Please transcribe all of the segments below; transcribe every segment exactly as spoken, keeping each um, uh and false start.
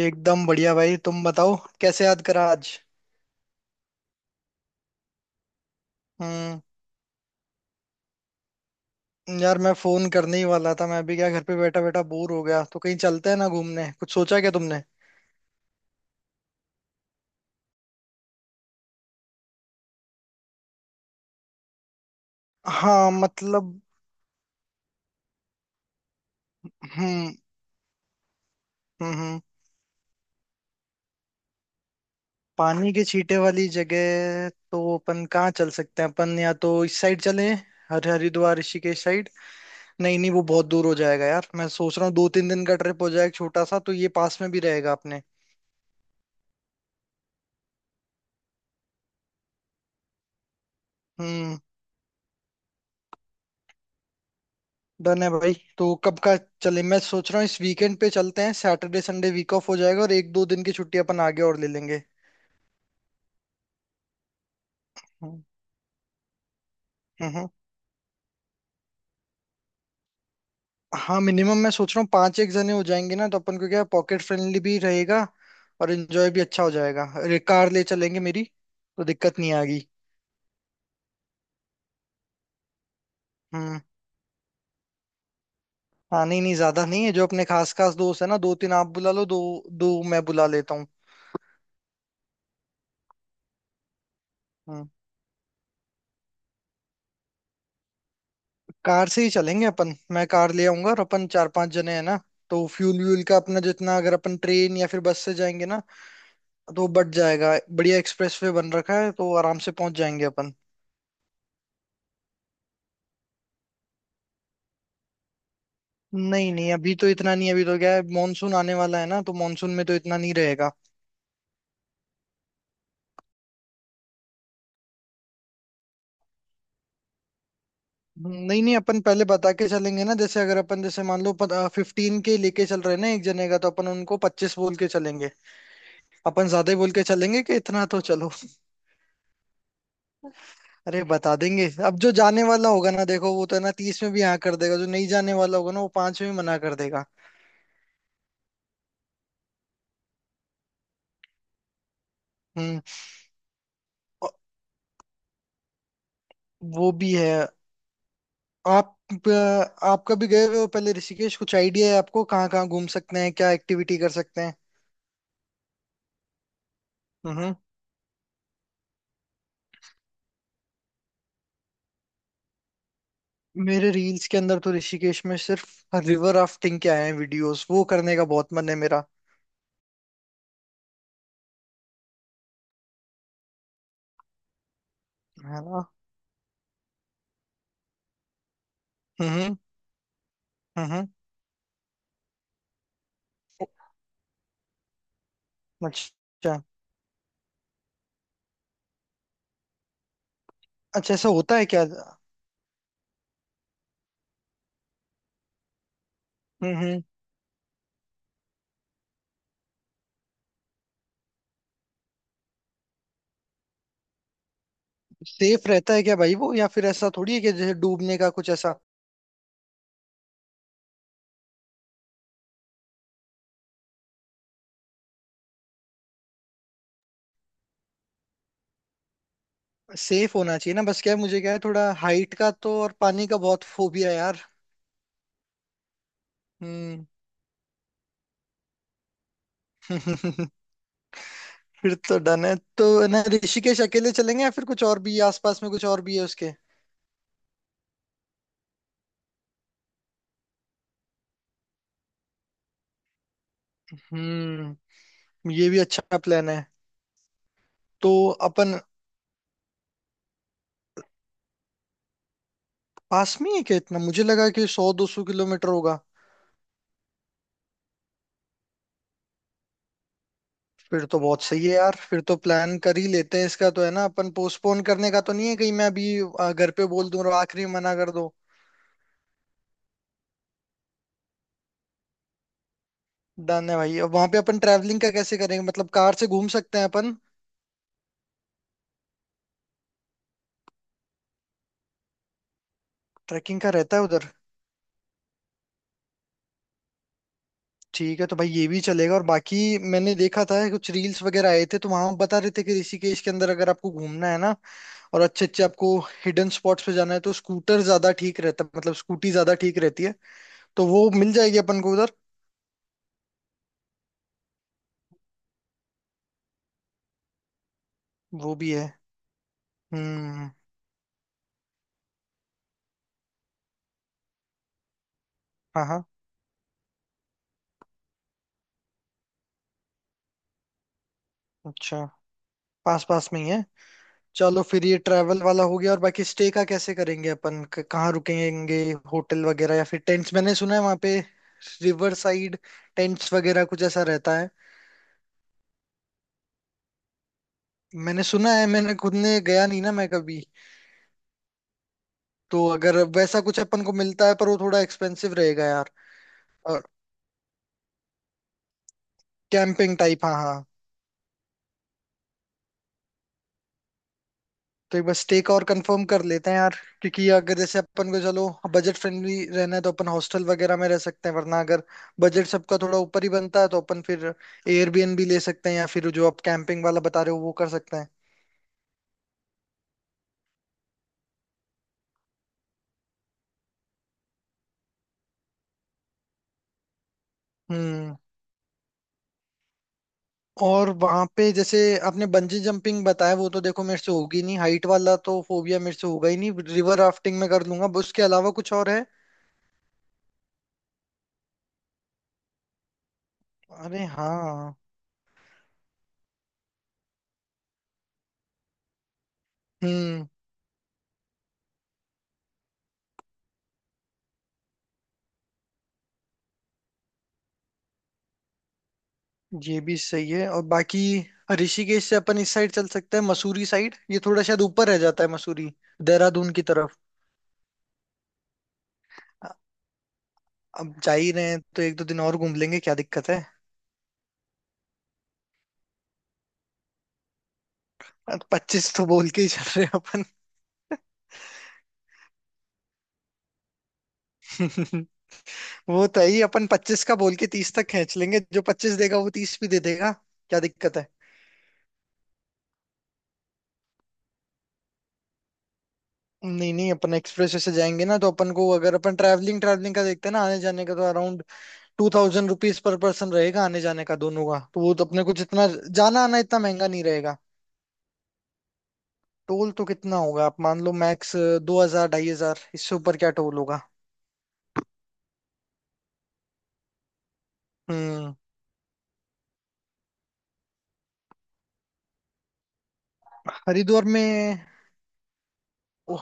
एकदम बढ़िया भाई, तुम बताओ। कैसे याद करा आज? हम्म। यार, मैं फोन करने ही वाला था। मैं भी क्या घर पे बैठा बैठा बोर हो गया, तो कहीं चलते हैं ना घूमने। कुछ सोचा क्या तुमने? हाँ, मतलब। हम्म हम्म हम्म, पानी के छींटे वाली जगह तो अपन कहाँ चल सकते हैं? अपन या तो इस साइड चले, हर हरिद्वार ऋषिकेश साइड। नहीं नहीं, वो बहुत दूर हो जाएगा यार। मैं सोच रहा हूँ दो तीन दिन का ट्रिप हो जाए एक छोटा सा, तो ये पास में भी रहेगा अपने। हम्म। डन है भाई, तो कब का चले? मैं सोच रहा हूँ इस वीकेंड पे चलते हैं। सैटरडे संडे वीक ऑफ हो जाएगा और एक दो दिन की छुट्टी अपन आगे और ले लेंगे। हम्म। हम्म। हाँ, मिनिमम मैं सोच रहा हूँ पांच एक जने हो जाएंगे ना, तो अपन को क्या पॉकेट फ्रेंडली भी रहेगा और एंजॉय भी अच्छा हो जाएगा। अरे कार ले चलेंगे मेरी, तो दिक्कत नहीं आएगी। हम्म। हाँ, नहीं नहीं ज्यादा नहीं है। जो अपने खास खास दोस्त है ना, दो तीन आप बुला लो, दो दो मैं बुला लेता हूँ। हम्म। कार से ही चलेंगे अपन। मैं कार ले आऊंगा, और अपन चार पांच जने हैं ना, तो फ्यूल व्यूल का अपना जितना, अगर अपन ट्रेन या फिर बस से जाएंगे ना, तो बच जाएगा। बढ़िया एक्सप्रेस वे बन रखा है, तो आराम से पहुंच जाएंगे अपन। नहीं नहीं, अभी तो इतना नहीं। अभी तो क्या है, मानसून आने वाला है ना, तो मानसून में तो इतना नहीं रहेगा। नहीं नहीं, अपन पहले बता के चलेंगे ना। जैसे अगर अपन, जैसे मान लो फिफ्टीन के लेके चल रहे हैं ना एक जने का, तो अपन उनको पच्चीस बोल के चलेंगे। अपन ज्यादा ही बोल के चलेंगे कि इतना तो चलो। अरे, बता देंगे। अब जो जाने वाला होगा ना, देखो वो तो है ना, तीस में भी हाँ कर देगा। जो नहीं जाने वाला होगा ना, वो पांच में भी मना कर देगा। हम्म। अ- वो भी है। आप अ, आप कभी गए हुए हो पहले ऋषिकेश? कुछ आइडिया है आपको कहाँ कहाँ घूम सकते हैं, क्या एक्टिविटी कर सकते हैं? हम्म। मेरे रील्स के अंदर तो ऋषिकेश में सिर्फ रिवर राफ्टिंग के आए हैं वीडियोस। वो करने का बहुत मन है मेरा। है ना। हम्म। हम्म। अच्छा। अच्छा, ऐसा होता है क्या? हम्म। हम्म। सेफ रहता है क्या भाई वो? या फिर ऐसा थोड़ी है कि जैसे डूबने का कुछ ऐसा। सेफ होना चाहिए ना बस। क्या है, मुझे क्या है थोड़ा, हाइट का तो और पानी का बहुत फोबिया है यार। हम्म। फिर तो डन है। तो है ना ऋषिकेश अकेले चलेंगे, या फिर कुछ और भी है? आसपास में कुछ और भी है उसके? हम्म। ये भी अच्छा प्लान है। तो अपन, पास में ही है क्या इतना? मुझे लगा कि सौ दो सौ किलोमीटर होगा। फिर तो बहुत सही है यार। फिर तो प्लान कर ही लेते हैं इसका। तो है ना अपन, पोस्टपोन करने का तो नहीं है कहीं मैं अभी? आ, घर पे बोल दूं और आखिरी में मना कर दो। डन है भाई। अब वहां पे अपन ट्रैवलिंग का कैसे करेंगे? मतलब कार से घूम सकते हैं अपन? ट्रैकिंग का रहता है उधर? ठीक है, तो भाई ये भी चलेगा। और बाकी, मैंने देखा था कुछ रील्स वगैरह आए थे, तो वहां बता रहे थे कि ऋषिकेश के अंदर अगर आपको घूमना है ना और अच्छे अच्छे आपको हिडन स्पॉट्स पे जाना है, तो स्कूटर ज्यादा ठीक रहता है, मतलब स्कूटी ज्यादा ठीक रहती है। तो वो मिल जाएगी अपन को उधर। वो भी है। हम्म। हाँ हाँ। अच्छा, पास पास में ही है। चलो, फिर ये ट्रैवल वाला हो गया। और बाकी स्टे का कैसे करेंगे अपन? क- कहाँ रुकेंगे? होटल वगैरह या फिर टेंट्स? मैंने सुना है वहाँ पे रिवर साइड टेंट्स वगैरह कुछ ऐसा रहता है। मैंने सुना है, मैंने खुद ने गया नहीं ना मैं कभी। तो अगर वैसा कुछ अपन को मिलता है, पर वो थोड़ा एक्सपेंसिव रहेगा यार। और कैंपिंग टाइप, हाँ हाँ। तो एक बार स्टे का और कंफर्म कर लेते हैं यार। क्योंकि अगर जैसे अपन को, चलो, बजट फ्रेंडली रहना है, तो अपन हॉस्टल वगैरह में रह सकते हैं। वरना अगर बजट सबका थोड़ा ऊपर ही बनता है, तो अपन फिर एयरबीएनबी ले सकते हैं, या फिर जो आप कैंपिंग वाला बता रहे हो वो कर सकते हैं। हम्म। और वहां पे जैसे आपने बंजी जंपिंग बताया, वो तो देखो मेरे से होगी नहीं। हाइट वाला तो फोबिया मेरे से होगा ही नहीं। रिवर राफ्टिंग में कर लूंगा। उसके अलावा कुछ और है? अरे हाँ। हम्म। ये भी सही है। और बाकी ऋषिकेश से अपन इस साइड चल सकते हैं, मसूरी साइड? ये थोड़ा शायद ऊपर रह जाता है मसूरी, देहरादून की तरफ। अ- अब जा ही रहे हैं तो एक दो दिन और घूम लेंगे, क्या दिक्कत है? पच्चीस तो बोल के ही चल रहे हैं अपन। वो तो है ही। अपन पच्चीस का बोल के तीस तक खींच लेंगे। जो पच्चीस देगा वो तीस भी दे देगा। क्या दिक्कत है? नहीं नहीं, अपन एक्सप्रेस वे से जाएंगे ना, तो अपन को, अगर अपन ट्रैवलिंग ट्रैवलिंग का देखते हैं ना, आने जाने का, तो around two thousand rupees per person रहेगा, आने जाने का दोनों का। तो वो तो अपने को जितना जाना आना, इतना महंगा नहीं रहेगा। टोल तो कितना होगा? आप मान लो मैक्स दो हजार ढाई हजार, इससे ऊपर क्या टोल होगा? हम्म। हरिद्वार में?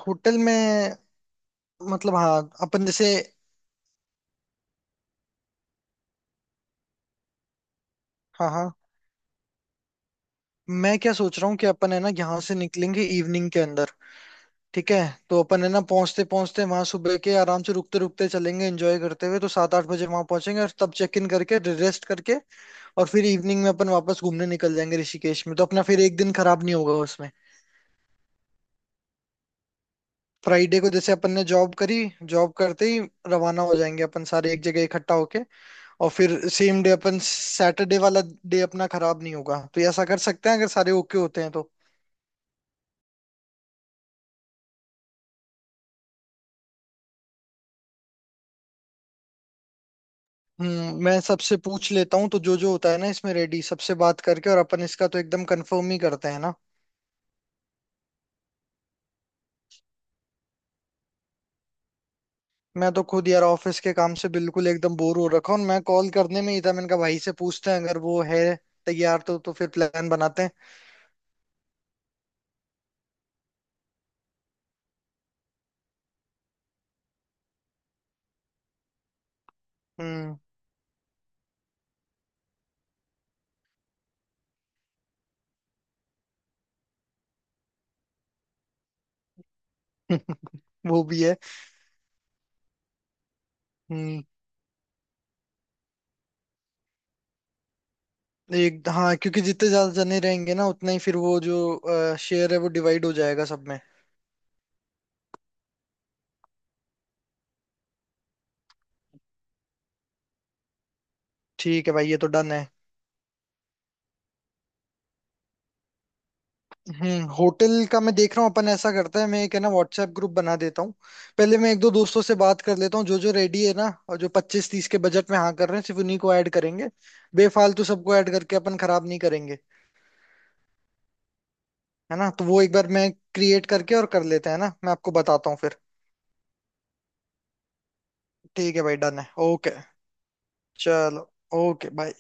होटल में, मतलब हाँ अपन जैसे। हाँ हाँ। मैं क्या सोच रहा हूँ कि अपन है ना यहाँ से निकलेंगे इवनिंग के अंदर, ठीक है? तो अपन है ना, पहुंचते पहुंचते वहां सुबह के, आराम से रुकते रुकते चलेंगे, एंजॉय करते हुए, तो सात आठ बजे वहां पहुंचेंगे और तब चेक इन करके रेस्ट करके, और फिर इवनिंग में अपन वापस घूमने निकल जाएंगे ऋषिकेश में। तो अपना फिर एक दिन खराब नहीं होगा उसमें। फ्राइडे को जैसे अपन ने जॉब करी, जॉब करते ही रवाना हो जाएंगे अपन सारे एक जगह इकट्ठा होके। और फिर सेम डे अपन सैटरडे वाला डे अपना खराब नहीं होगा। तो ऐसा कर सकते हैं, अगर सारे ओके होते हैं तो। हम्म, मैं सबसे पूछ लेता हूँ। तो जो जो होता है ना इसमें रेडी, सबसे बात करके, और अपन इसका तो एकदम कंफर्म ही करते हैं ना। मैं तो खुद यार ऑफिस के काम से बिल्कुल एकदम बोर हो रखा हूँ। मैं कॉल करने में ही था, मैंने कहा भाई से पूछते हैं, अगर वो है तैयार तो तो फिर प्लान बनाते हैं। हम्म। वो भी है। हम्म। एक, हाँ, क्योंकि जितने ज्यादा जने रहेंगे ना, उतना ही फिर वो जो शेयर है वो डिवाइड हो जाएगा सब में। ठीक है भाई, ये तो डन है। हम्म, होटल का मैं देख रहा हूँ। अपन ऐसा करते हैं, मैं एक है ना व्हाट्सएप ग्रुप बना देता हूँ। पहले मैं एक दो दोस्तों से बात कर लेता हूँ, जो जो रेडी है ना और जो पच्चीस तीस के बजट में हाँ कर रहे हैं, सिर्फ उन्हीं को ऐड करेंगे। बेफालतू सबको ऐड करके अपन खराब नहीं करेंगे। है ना? तो वो एक बार मैं क्रिएट करके और कर लेते हैं ना, मैं आपको बताता हूँ फिर। ठीक है भाई, डन है, ओके। चलो, ओके, बाय।